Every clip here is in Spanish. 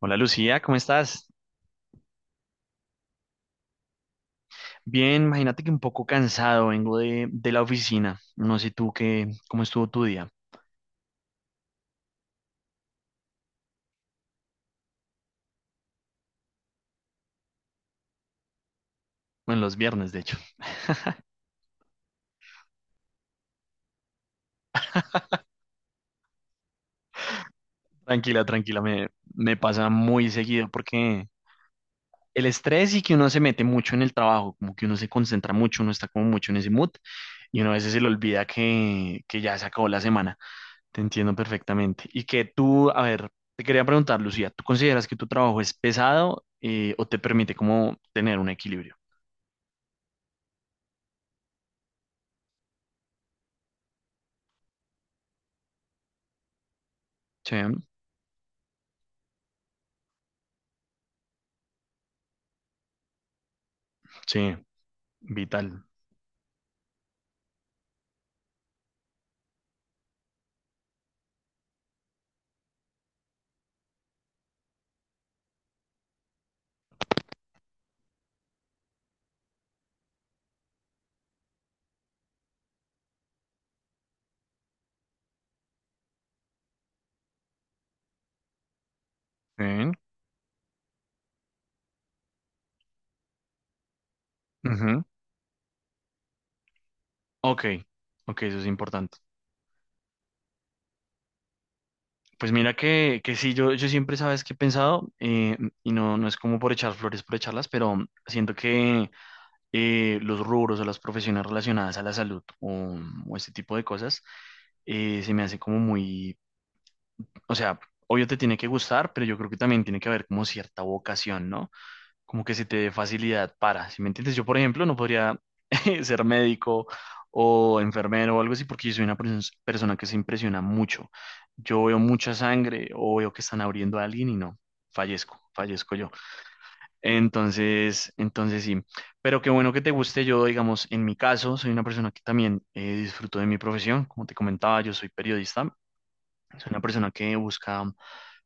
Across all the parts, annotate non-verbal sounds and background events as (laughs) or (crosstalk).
Hola Lucía, ¿cómo estás? Bien, imagínate que un poco cansado, vengo de la oficina. No sé tú qué, cómo estuvo tu día. Bueno, los viernes, de hecho. (laughs) Tranquila, tranquila, me pasa muy seguido porque el estrés y que uno se mete mucho en el trabajo, como que uno se concentra mucho, uno está como mucho en ese mood y uno a veces se le olvida que ya se acabó la semana. Te entiendo perfectamente. Y que tú, a ver, te quería preguntar, Lucía, ¿tú consideras que tu trabajo es pesado o te permite como tener un equilibrio? Sí, sí. Vital. ¿Eh? Ujú. Ok, ok, eso es importante. Pues mira que sí, yo siempre sabes que he pensado, y no, no es como por echar flores, por echarlas, pero siento que los rubros o las profesiones relacionadas a la salud o este tipo de cosas se me hace como muy, o sea, obvio te tiene que gustar, pero yo creo que también tiene que haber como cierta vocación, ¿no? Como que se te dé facilidad para, ¿si me entiendes? Yo, por ejemplo, no podría (laughs) ser médico o enfermero o algo así porque yo soy una persona que se impresiona mucho. Yo veo mucha sangre o veo que están abriendo a alguien y no, fallezco, fallezco yo. Entonces, sí, pero qué bueno que te guste. Yo, digamos, en mi caso, soy una persona que también disfruto de mi profesión. Como te comentaba, yo soy periodista. Soy una persona que busca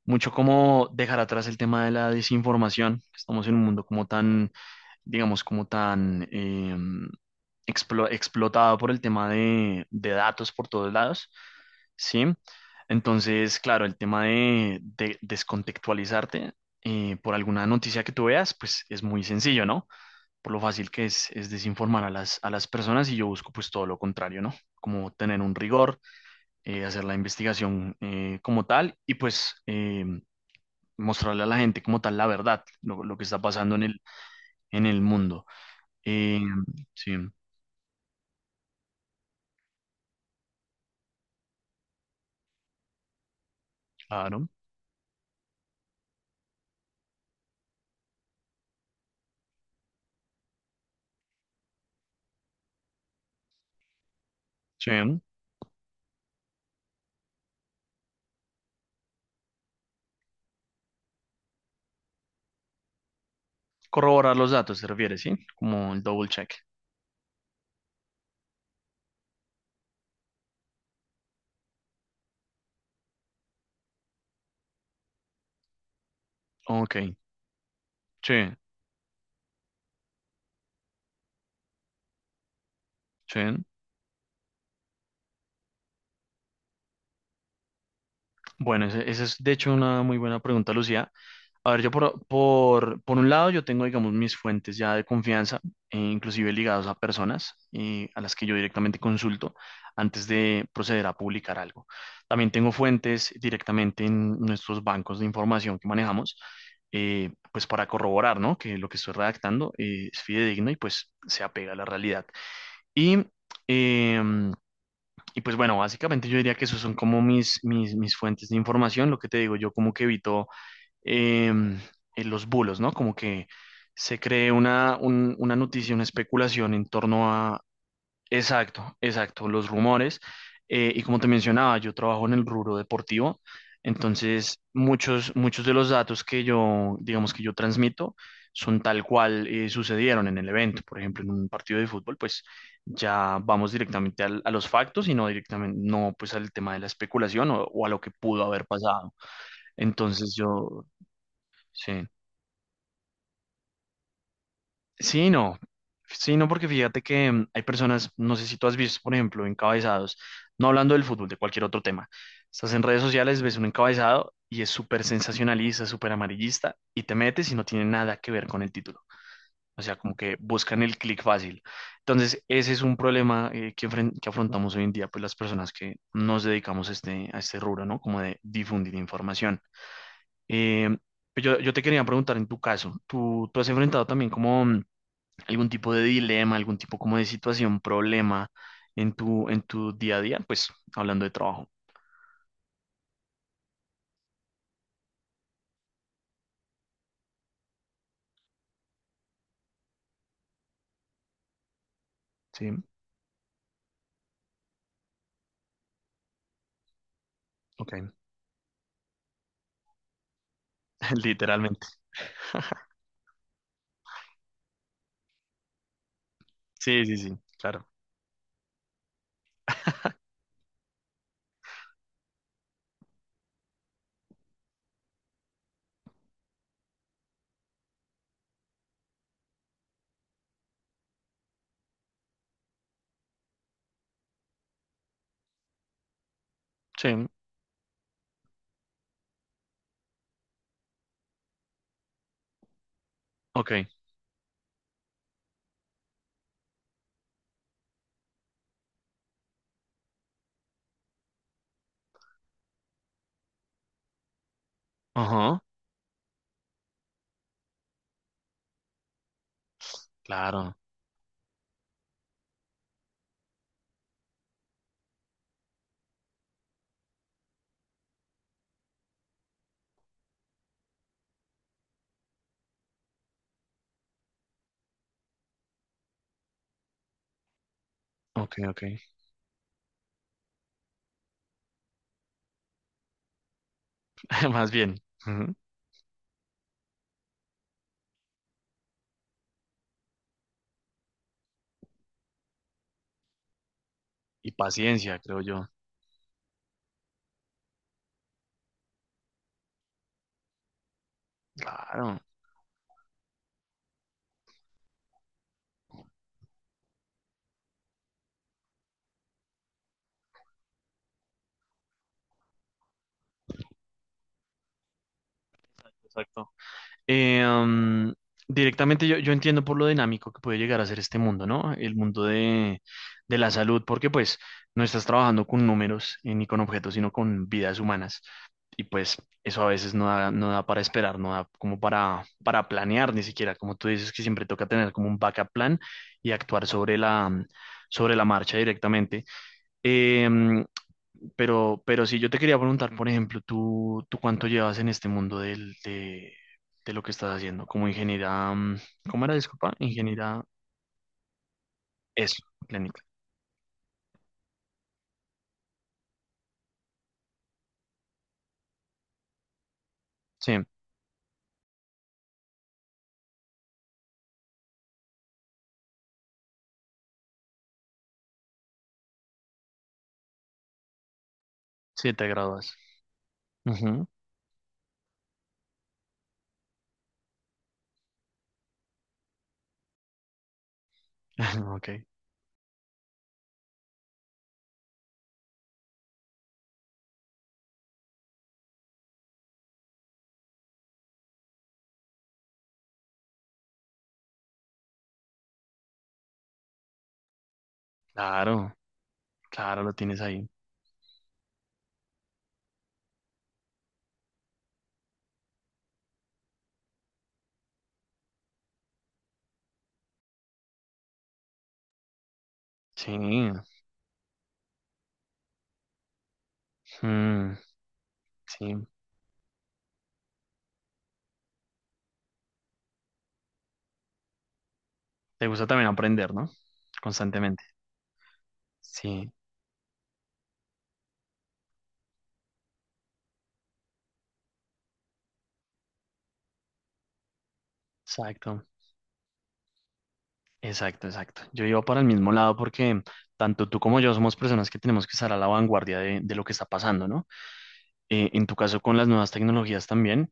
mucho cómo dejar atrás el tema de la desinformación. Estamos en un mundo como tan digamos, como tan explotado por el tema de datos por todos lados, ¿sí? Entonces, claro, el tema de descontextualizarte por alguna noticia que tú veas, pues es muy sencillo, ¿no? Por lo fácil que es desinformar a a las personas y yo busco pues todo lo contrario, ¿no? Como tener un rigor, hacer la investigación como tal y pues mostrarle a la gente como tal la verdad, lo que está pasando en en el mundo. Eh, sí, claro. Sí. Corroborar los datos, se refiere, ¿sí? Como el double check. Ok, sí, sí. Bueno, esa es de hecho una muy buena pregunta, Lucía. A ver, yo por un lado, yo tengo, digamos, mis fuentes ya de confianza, inclusive ligados a personas a las que yo directamente consulto antes de proceder a publicar algo. También tengo fuentes directamente en nuestros bancos de información que manejamos, pues para corroborar, ¿no? Que lo que estoy redactando es fidedigno y pues se apega a la realidad. Y, em, y pues bueno, básicamente yo diría que esos son como mis fuentes de información. Lo que te digo, yo como que evito em, en los bulos, ¿no? Como que se cree una, una noticia, una especulación en torno a, exacto, exacto, los rumores. Y como te mencionaba, yo trabajo en el rubro deportivo, entonces muchos de los datos que yo, digamos que yo transmito, son tal cual sucedieron en el evento. Por ejemplo, en un partido de fútbol, pues ya vamos directamente a los factos y no directamente, no pues al tema de la especulación o a lo que pudo haber pasado. Entonces yo, sí. Sí, no. Sí, no, porque fíjate que hay personas, no sé si tú has visto, por ejemplo, encabezados, no hablando del fútbol, de cualquier otro tema. Estás en redes sociales, ves un encabezado y es súper sensacionalista, súper amarillista, y te metes y no tiene nada que ver con el título. O sea, como que buscan el clic fácil. Entonces, ese es un problema que afrontamos hoy en día, pues las personas que nos dedicamos a a este rubro, ¿no? Como de difundir información. Eh, yo te quería preguntar en tu caso, tú has enfrentado también como algún tipo de dilema, algún tipo como de situación, problema en en tu día a día? Pues hablando de trabajo. Sí, ok, (laughs) literalmente. Sí, sí, sí, claro. (laughs) Sí, ok. Ajá. Claro, ok, ok. (laughs) Más bien. Ujú. Y paciencia, creo yo. Claro, exacto. Mm, directamente yo entiendo por lo dinámico que puede llegar a ser este mundo, ¿no? El mundo de la salud, porque pues no estás trabajando con números ni con objetos, sino con vidas humanas. Y pues eso a veces no da, no da para esperar, no da como para planear ni siquiera, como tú dices que siempre toca tener como un backup plan y actuar sobre la marcha directamente. Em, pero sí, yo te quería preguntar, por ejemplo, tú cuánto llevas en este mundo de lo que estás haciendo? Como ingeniera, mm, ¿cómo era? Disculpa, ingeniera, eso, clínica. Sí, sí, te gradúas. Ujú. (laughs) Ok, claro, claro, lo tienes ahí. Sí, mm, sí. Te gusta también aprender, ¿no? Constantemente. Sí, exacto. Exacto, exacto. Yo iba para el mismo lado porque tanto tú como yo somos personas que tenemos que estar a la vanguardia de lo que está pasando, ¿no? En tu caso con las nuevas tecnologías también,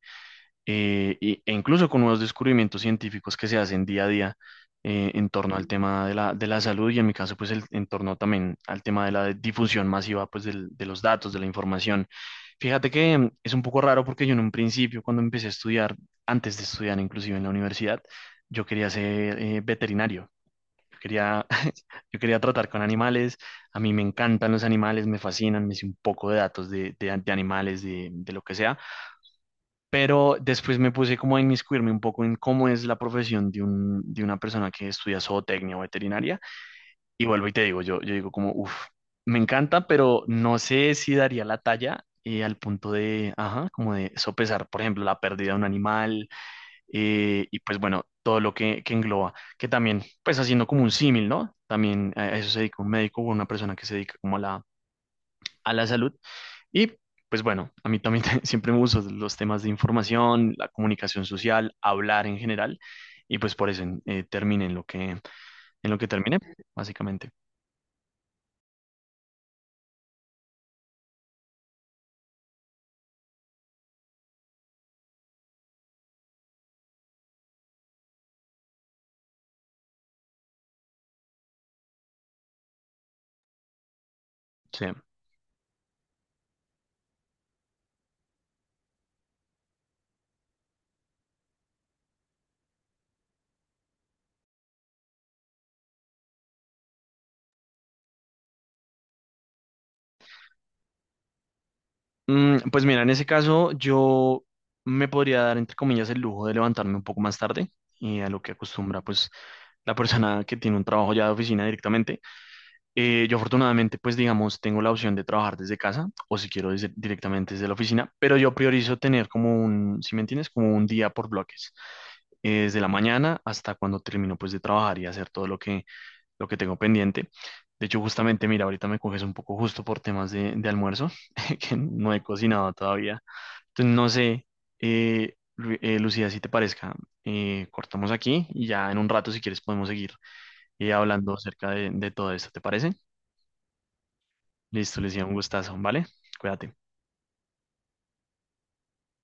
y- e incluso con nuevos descubrimientos científicos que se hacen día a día en torno al tema de de la salud y en mi caso pues el, en torno también al tema de la difusión masiva pues de los datos, de la información. Fíjate que mm, es un poco raro porque yo en un principio cuando empecé a estudiar, antes de estudiar inclusive en la universidad, yo quería ser veterinario. Quería, (laughs) yo quería tratar con animales, a mí me encantan los animales, me fascinan, me hice un poco de datos de animales, de lo que sea, pero después me puse como a inmiscuirme un poco en cómo es la profesión de, un, de una persona que estudia zootecnia o veterinaria, y vuelvo y te digo, yo digo como, uff, me encanta, pero no sé si daría la talla al punto de, ajá, como de sopesar, por ejemplo, la pérdida de un animal y pues bueno, todo lo que engloba, que también, pues haciendo como un símil, ¿no? También a eso se dedica un médico o una persona que se dedica como a la salud. Y pues bueno, a mí también (laughs) siempre me gustan los temas de información, la comunicación social, hablar en general, y pues por eso terminé en lo que terminé, básicamente. Sí. Mm, pues mira, en ese caso yo me podría dar, entre comillas, el lujo de levantarme un poco más tarde y a lo que acostumbra, pues la persona que tiene un trabajo ya de oficina directamente. Yo afortunadamente, pues digamos, tengo la opción de trabajar desde casa o si quiero directamente desde la oficina, pero yo priorizo tener como un, si me entiendes, como un día por bloques, desde la mañana hasta cuando termino pues de trabajar y hacer todo lo que tengo pendiente. De hecho, justamente, mira, ahorita me coges un poco justo por temas de almuerzo, (laughs) que no he cocinado todavía. Entonces, no sé, Lucía, si te parezca, cortamos aquí y ya en un rato, si quieres, podemos seguir y hablando acerca de todo esto, ¿te parece? Listo, les decía un gustazo, ¿vale? Cuídate.